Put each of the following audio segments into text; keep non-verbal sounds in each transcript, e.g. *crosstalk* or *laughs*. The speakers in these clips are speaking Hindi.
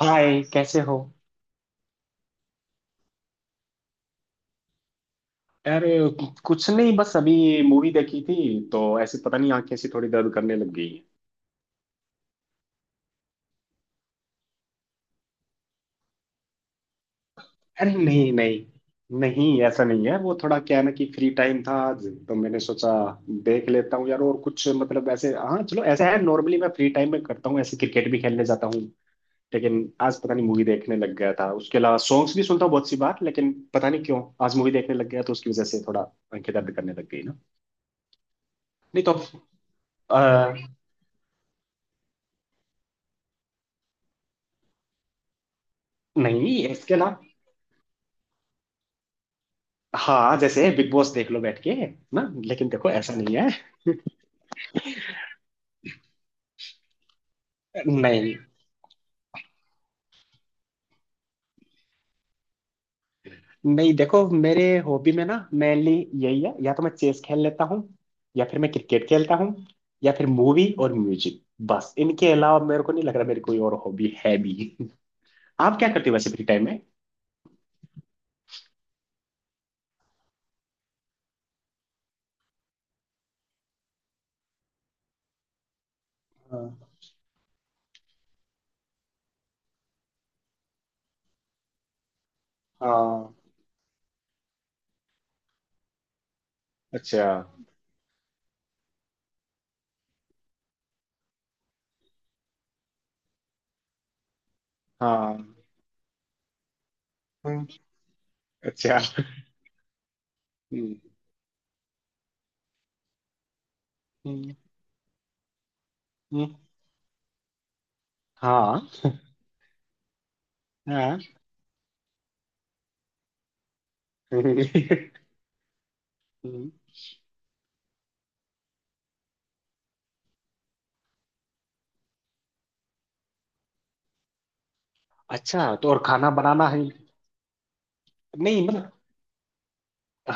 हाय, कैसे हो। अरे, कुछ नहीं, बस अभी ये मूवी देखी थी। तो ऐसे पता नहीं, आंखें ऐसी थोड़ी दर्द करने लग गई हैं। अरे, नहीं नहीं। नहीं, ऐसा नहीं है। वो थोड़ा क्या है ना, कि फ्री टाइम था आज तो मैंने सोचा देख लेता हूँ यार। और कुछ मतलब ऐसे, हाँ चलो, ऐसा है नॉर्मली मैं फ्री टाइम में करता हूँ ऐसे, क्रिकेट भी खेलने जाता हूँ लेकिन आज पता नहीं मूवी देखने लग गया था। उसके अलावा सॉन्ग्स भी सुनता हूँ बहुत सी बार, लेकिन पता नहीं क्यों आज मूवी देखने लग गया, तो उसकी वजह से थोड़ा आंखें दर्द करने लग गई ना। नहीं तो। अ, नहीं, इसके अलावा। हाँ, जैसे बिग बॉस देख लो बैठ के। ना लेकिन देखो, ऐसा नहीं है। नहीं नहीं, देखो मेरे हॉबी में ना, मेनली यही है, या तो मैं चेस खेल लेता हूँ, या फिर मैं क्रिकेट खेलता हूँ, या फिर मूवी और म्यूजिक। बस इनके अलावा मेरे को नहीं लग रहा मेरी कोई और हॉबी है भी। *laughs* आप क्या करते हो वैसे फ्री टाइम में? हाँ, हाँ। अच्छा। हाँ। हम्म। अच्छा। हम्म। हम्म। हम्म। हाँ, हाँ। *laughs* हम्म। अच्छा, तो और खाना बनाना है? नहीं मतलब।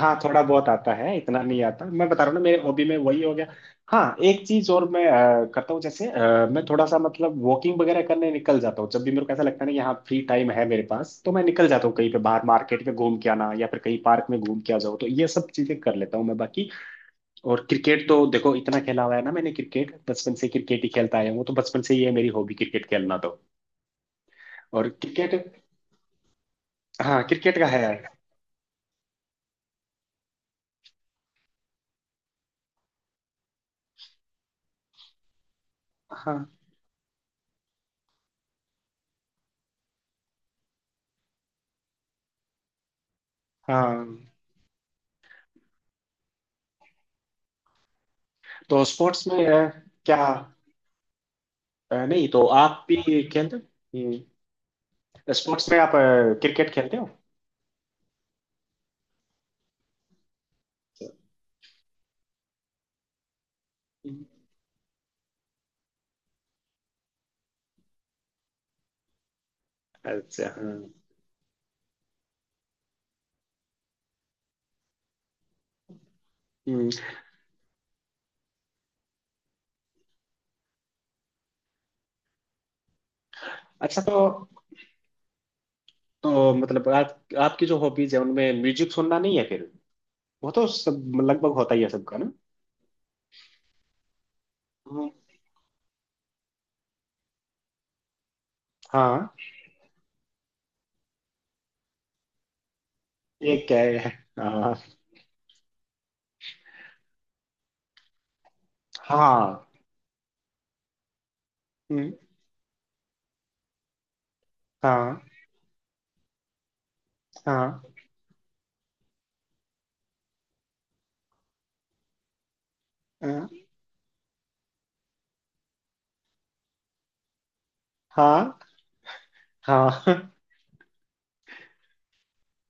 हाँ, थोड़ा बहुत आता है, इतना नहीं आता। मैं बता रहा हूँ ना, मेरे हॉबी में वही हो गया। हाँ, एक चीज और मैं करता हूँ, जैसे मैं थोड़ा सा मतलब वॉकिंग वगैरह करने निकल जाता हूँ। जब भी मेरे को ऐसा लगता है ना कि हाँ फ्री टाइम है मेरे पास, तो मैं निकल जाता हूँ कहीं पे बाहर मार्केट में घूम के आना, या फिर कहीं पार्क में घूम के आ जाओ, तो ये सब चीजें कर लेता हूँ मैं बाकी। और क्रिकेट तो देखो, इतना खेला हुआ है ना मैंने क्रिकेट, बचपन से क्रिकेट ही खेलता आया हूँ, तो बचपन से ही है मेरी हॉबी क्रिकेट खेलना तो। और क्रिकेट। हाँ, क्रिकेट का है। हाँ। हाँ। तो स्पोर्ट्स में क्या? नहीं तो आप भी खेलते हो? स्पोर्ट्स में आप क्रिकेट खेलते हो? अच्छा, हाँ। हम्म। अच्छा तो। तो मतलब आप आपकी जो हॉबीज है उनमें म्यूजिक सुनना नहीं है फिर? वो तो सब लगभग होता ही है सबका ना। हम्म। हाँ। ये क्या है? हाँ। हाँ। हम्म। हाँ, हाँ। हाँ। हाँ।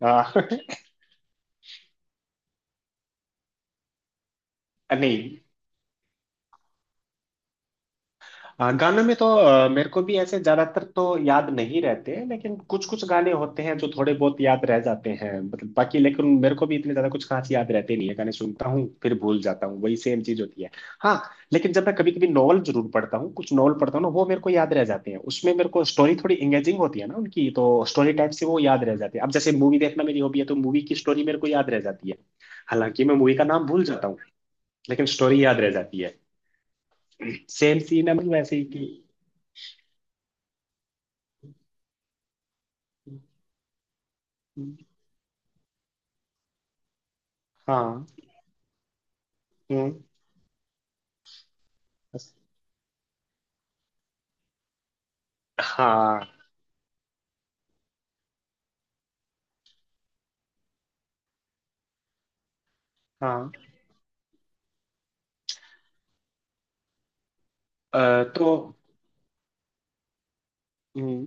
हाँ, हाँ। नहीं। हाँ, गानों में तो मेरे को भी ऐसे ज्यादातर तो याद नहीं रहते, लेकिन कुछ कुछ गाने होते हैं जो थोड़े बहुत याद रह जाते हैं, मतलब बाकी लेकिन मेरे को भी इतने ज्यादा कुछ खास याद रहते नहीं है, गाने सुनता हूँ फिर भूल जाता हूँ, वही सेम चीज होती है। हाँ। लेकिन जब मैं कभी कभी नॉवल जरूर पढ़ता हूँ, कुछ नॉवल पढ़ता हूँ ना, वो मेरे को याद रह जाते हैं, उसमें मेरे को स्टोरी थोड़ी एंगेजिंग होती है ना उनकी, तो स्टोरी टाइप से वो याद रह जाती है। अब जैसे मूवी देखना मेरी हॉबी है, तो मूवी की स्टोरी मेरे को याद रह जाती है। हालांकि मैं मूवी का नाम भूल जाता हूँ, लेकिन स्टोरी याद रह जाती है। सेम सीन है, मतलब वैसे ही। कि। हाँ। हम्म। बस। हाँ, हाँ। तो। हम्म।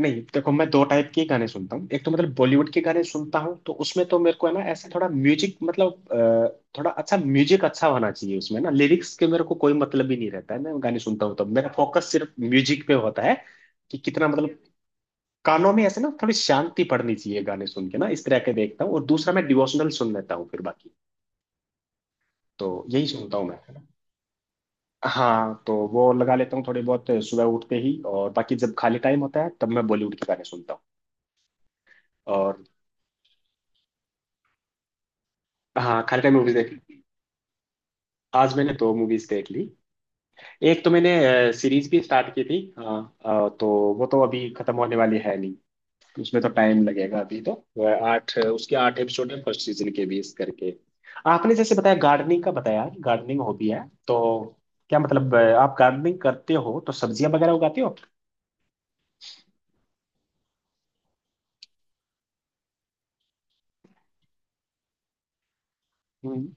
नहीं देखो, मैं दो टाइप के गाने सुनता हूँ। एक तो मतलब बॉलीवुड के गाने सुनता हूँ, तो उसमें तो मेरे को है ना ऐसा थोड़ा म्यूजिक, मतलब थोड़ा अच्छा म्यूजिक अच्छा होना चाहिए उसमें ना, लिरिक्स के मेरे को कोई मतलब ही नहीं रहता है, मैं गाने सुनता हूँ तो मेरा फोकस सिर्फ म्यूजिक पे होता है, कि कितना मतलब कानों में ऐसे ना थोड़ी शांति पड़नी चाहिए गाने सुन के, ना इस तरह के देखता हूँ। और दूसरा मैं डिवोशनल सुन लेता हूँ, फिर बाकी तो यही सुनता हूँ मैं। हाँ, तो वो लगा लेता हूँ थोड़े बहुत सुबह उठते ही, और बाकी जब खाली टाइम होता है तब मैं बॉलीवुड के गाने सुनता हूँ। और हाँ, खाली टाइम मूवीज देख ली। आज मैंने दो मूवीज देख ली। एक तो मैंने सीरीज भी स्टार्ट की थी, हाँ। तो वो तो अभी खत्म होने वाली है नहीं, उसमें तो टाइम लगेगा अभी तो। वह आठ उसके आठ एपिसोड है फर्स्ट सीजन के, 20 करके। आपने जैसे बताया गार्डनिंग का, बताया कि गार्डनिंग हॉबी है, तो क्या मतलब आप गार्डनिंग करते हो तो सब्जियां वगैरह उगाते हो? हम्म।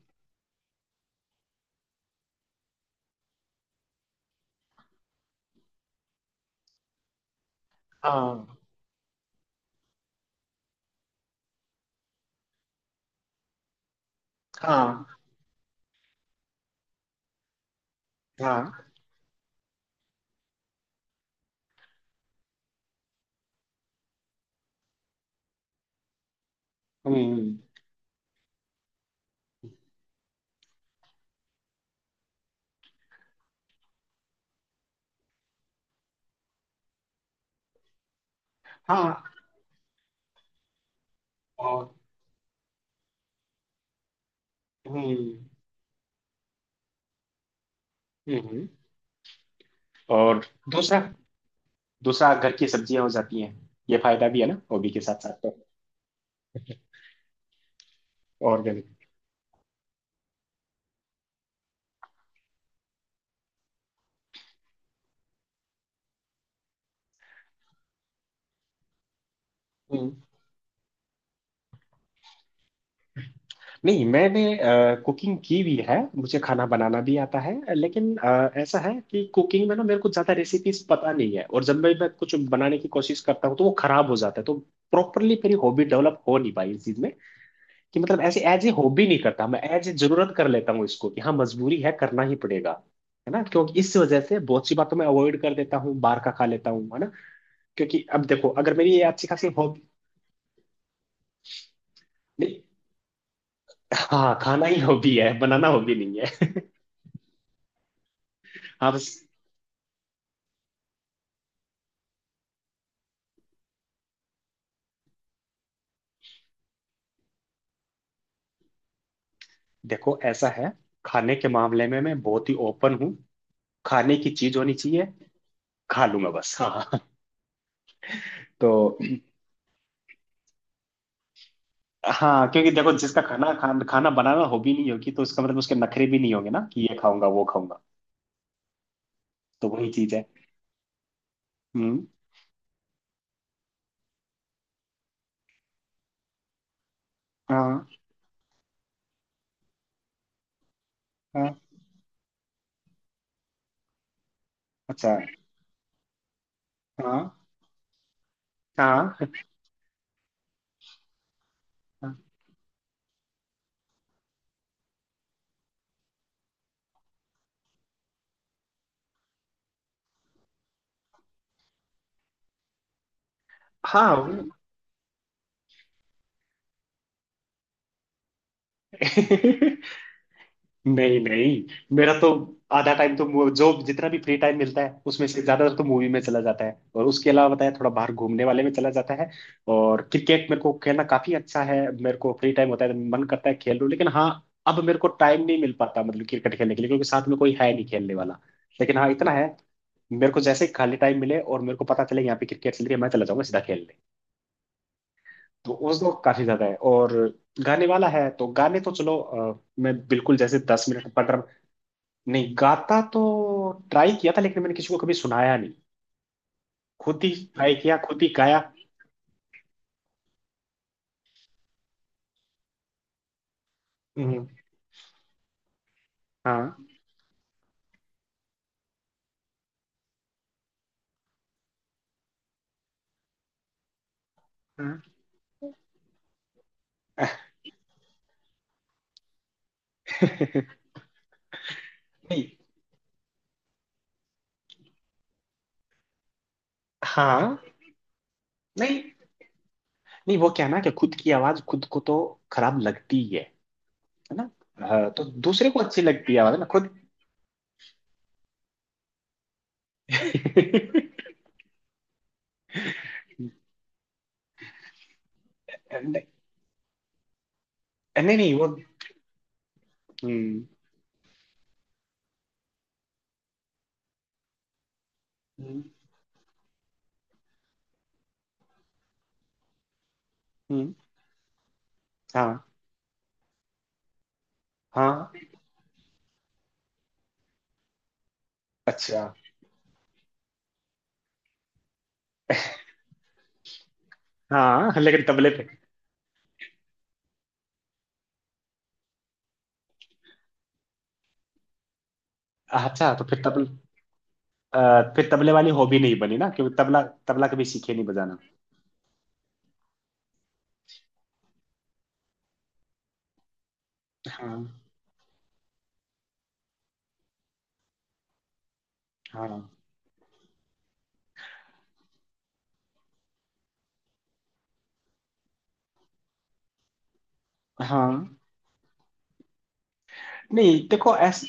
हाँ। हाँ। हाँ। हम्म। हाँ। और। हम्म, हम्म, और दूसरा, दूसरा घर की सब्जियां हो जाती हैं। ये फायदा भी है ना हॉबी के साथ साथ तो। ऑर्गेनिक। हम्म। नहीं, मैंने कुकिंग की भी है, मुझे खाना बनाना भी आता है, लेकिन ऐसा है कि कुकिंग में ना मेरे को ज्यादा रेसिपीज पता नहीं है, और जब मैं कुछ बनाने की कोशिश करता हूँ तो वो खराब हो जाता है, तो प्रॉपरली मेरी हॉबी डेवलप हो नहीं पाई इस चीज में। कि मतलब ऐसे एज ए हॉबी नहीं करता मैं, एज ए जरूरत कर लेता हूँ इसको कि हाँ, मजबूरी है, करना ही पड़ेगा। है ना, क्योंकि इस वजह से बहुत सी बातों में अवॉइड कर देता हूँ, बाहर का खा लेता हूँ, है ना। क्योंकि अब देखो, अगर मेरी ये अच्छी खासी हॉबी नहीं। हाँ, खाना ही हॉबी है, बनाना हॉबी नहीं है। हाँ बस। देखो ऐसा है, खाने के मामले में मैं बहुत ही ओपन हूँ। खाने की चीज होनी चाहिए, खा लूंगा बस, हाँ। तो हाँ, क्योंकि देखो, जिसका खाना बनाना हॉबी नहीं होगी, तो उसका मतलब उसके नखरे भी नहीं होंगे ना, कि ये खाऊंगा वो खाऊंगा। तो वही चीज है। हम्म। हाँ, हाँ। अच्छा। हाँ, हाँ, हाँ, हाँ। *laughs* नहीं नहीं। मेरा तो आधा टाइम तो जो जितना भी फ्री टाइम मिलता है उसमें से ज्यादातर तो मूवी में चला जाता है, और उसके अलावा बताया थोड़ा बाहर घूमने वाले में चला जाता है। और क्रिकेट मेरे को खेलना काफी अच्छा है, मेरे को फ्री टाइम होता है तो मन करता है खेल लूं, लेकिन हाँ अब मेरे को टाइम नहीं मिल पाता, मतलब क्रिकेट खेलने के लिए, क्योंकि साथ में कोई है नहीं खेलने वाला। लेकिन हाँ, इतना है, मेरे को जैसे ही खाली टाइम मिले और मेरे को पता चले यहाँ पे क्रिकेट चल रही है, मैं चला जाऊंगा सीधा खेलने। तो उस दो काफी ज्यादा है। और गाने वाला है तो गाने तो चलो, मैं बिल्कुल जैसे 10 मिनट बटर नहीं गाता तो, ट्राई किया था लेकिन मैंने किसी को कभी सुनाया नहीं, खुद ही ट्राई किया खुद ही गाया। हम्म। हाँ, हाँ। नहीं, हाँ। नहीं नहीं, वो क्या है ना, कि खुद की आवाज खुद को तो खराब लगती ही है ना। हाँ, तो दूसरे को अच्छी लगती है आवाज ना खुद। *laughs* नहीं नहीं। नहीं, वो। हम्म। हम्म। हम्म। हाँ, हाँ। अच्छा। हाँ, लेकिन तबले पे। अच्छा, तो फिर तबले। फिर तबले वाली हॉबी नहीं बनी ना, क्योंकि तबला तबला कभी सीखे नहीं बजाना। हाँ, हाँ, हाँ। नहीं देखो, ऐस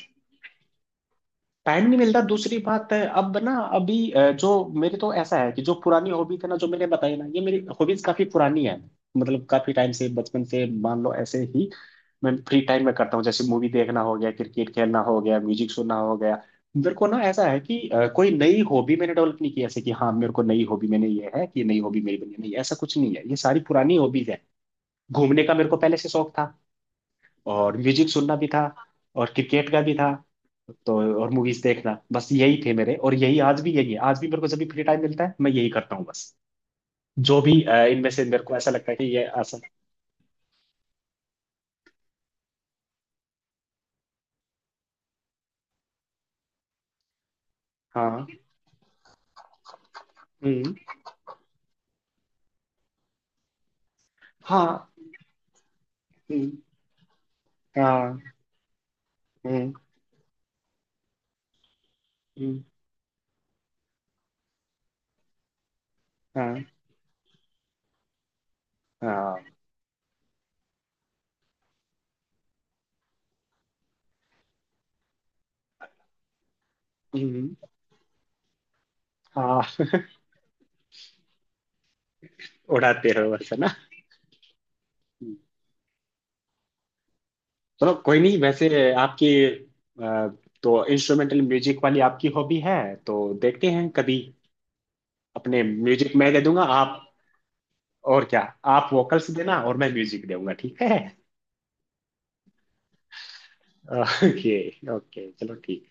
टाइम नहीं मिलता दूसरी बात है, अब ना अभी जो मेरे तो ऐसा है कि जो पुरानी हॉबी थे ना, जो मैंने बताई ना, ये मेरी हॉबीज काफी पुरानी है। मतलब काफी टाइम से बचपन से, मान लो ऐसे ही मैं फ्री टाइम में करता हूँ, जैसे मूवी देखना हो गया, क्रिकेट खेलना हो गया, म्यूजिक सुनना हो गया। मेरे को ना ऐसा है कि कोई नई हॉबी मैंने डेवलप नहीं की, ऐसे कि हाँ मेरे को नई हॉबी, मैंने ये है कि नई हॉबी मेरी बनी है। नहीं, ऐसा कुछ नहीं है, ये सारी पुरानी हॉबीज है। घूमने का मेरे को पहले से शौक था, और म्यूजिक सुनना भी था, और क्रिकेट का भी था तो। और मूवीज देखना, बस यही थे मेरे, और यही आज भी यही है, आज भी मेरे को जब भी फ्री टाइम मिलता है मैं यही करता हूँ बस। जो भी इनमें से मेरे को ऐसा लगता है कि ये आसान। हाँ। हम्म। हाँ। हम्म। हाँ। हम्म। हम्म। हाँ, हाँ। हम्म। हाँ। उड़ाते रहो बस, है ना। हम्म। चलो कोई नहीं, वैसे आपकी अ, तो इंस्ट्रूमेंटल म्यूजिक वाली आपकी हॉबी है, तो देखते हैं कभी, अपने म्यूजिक मैं दे दूंगा आप, और क्या, आप वोकल्स देना और मैं म्यूजिक दूंगा, ठीक है। *laughs* ओके। ओके चलो ठीक।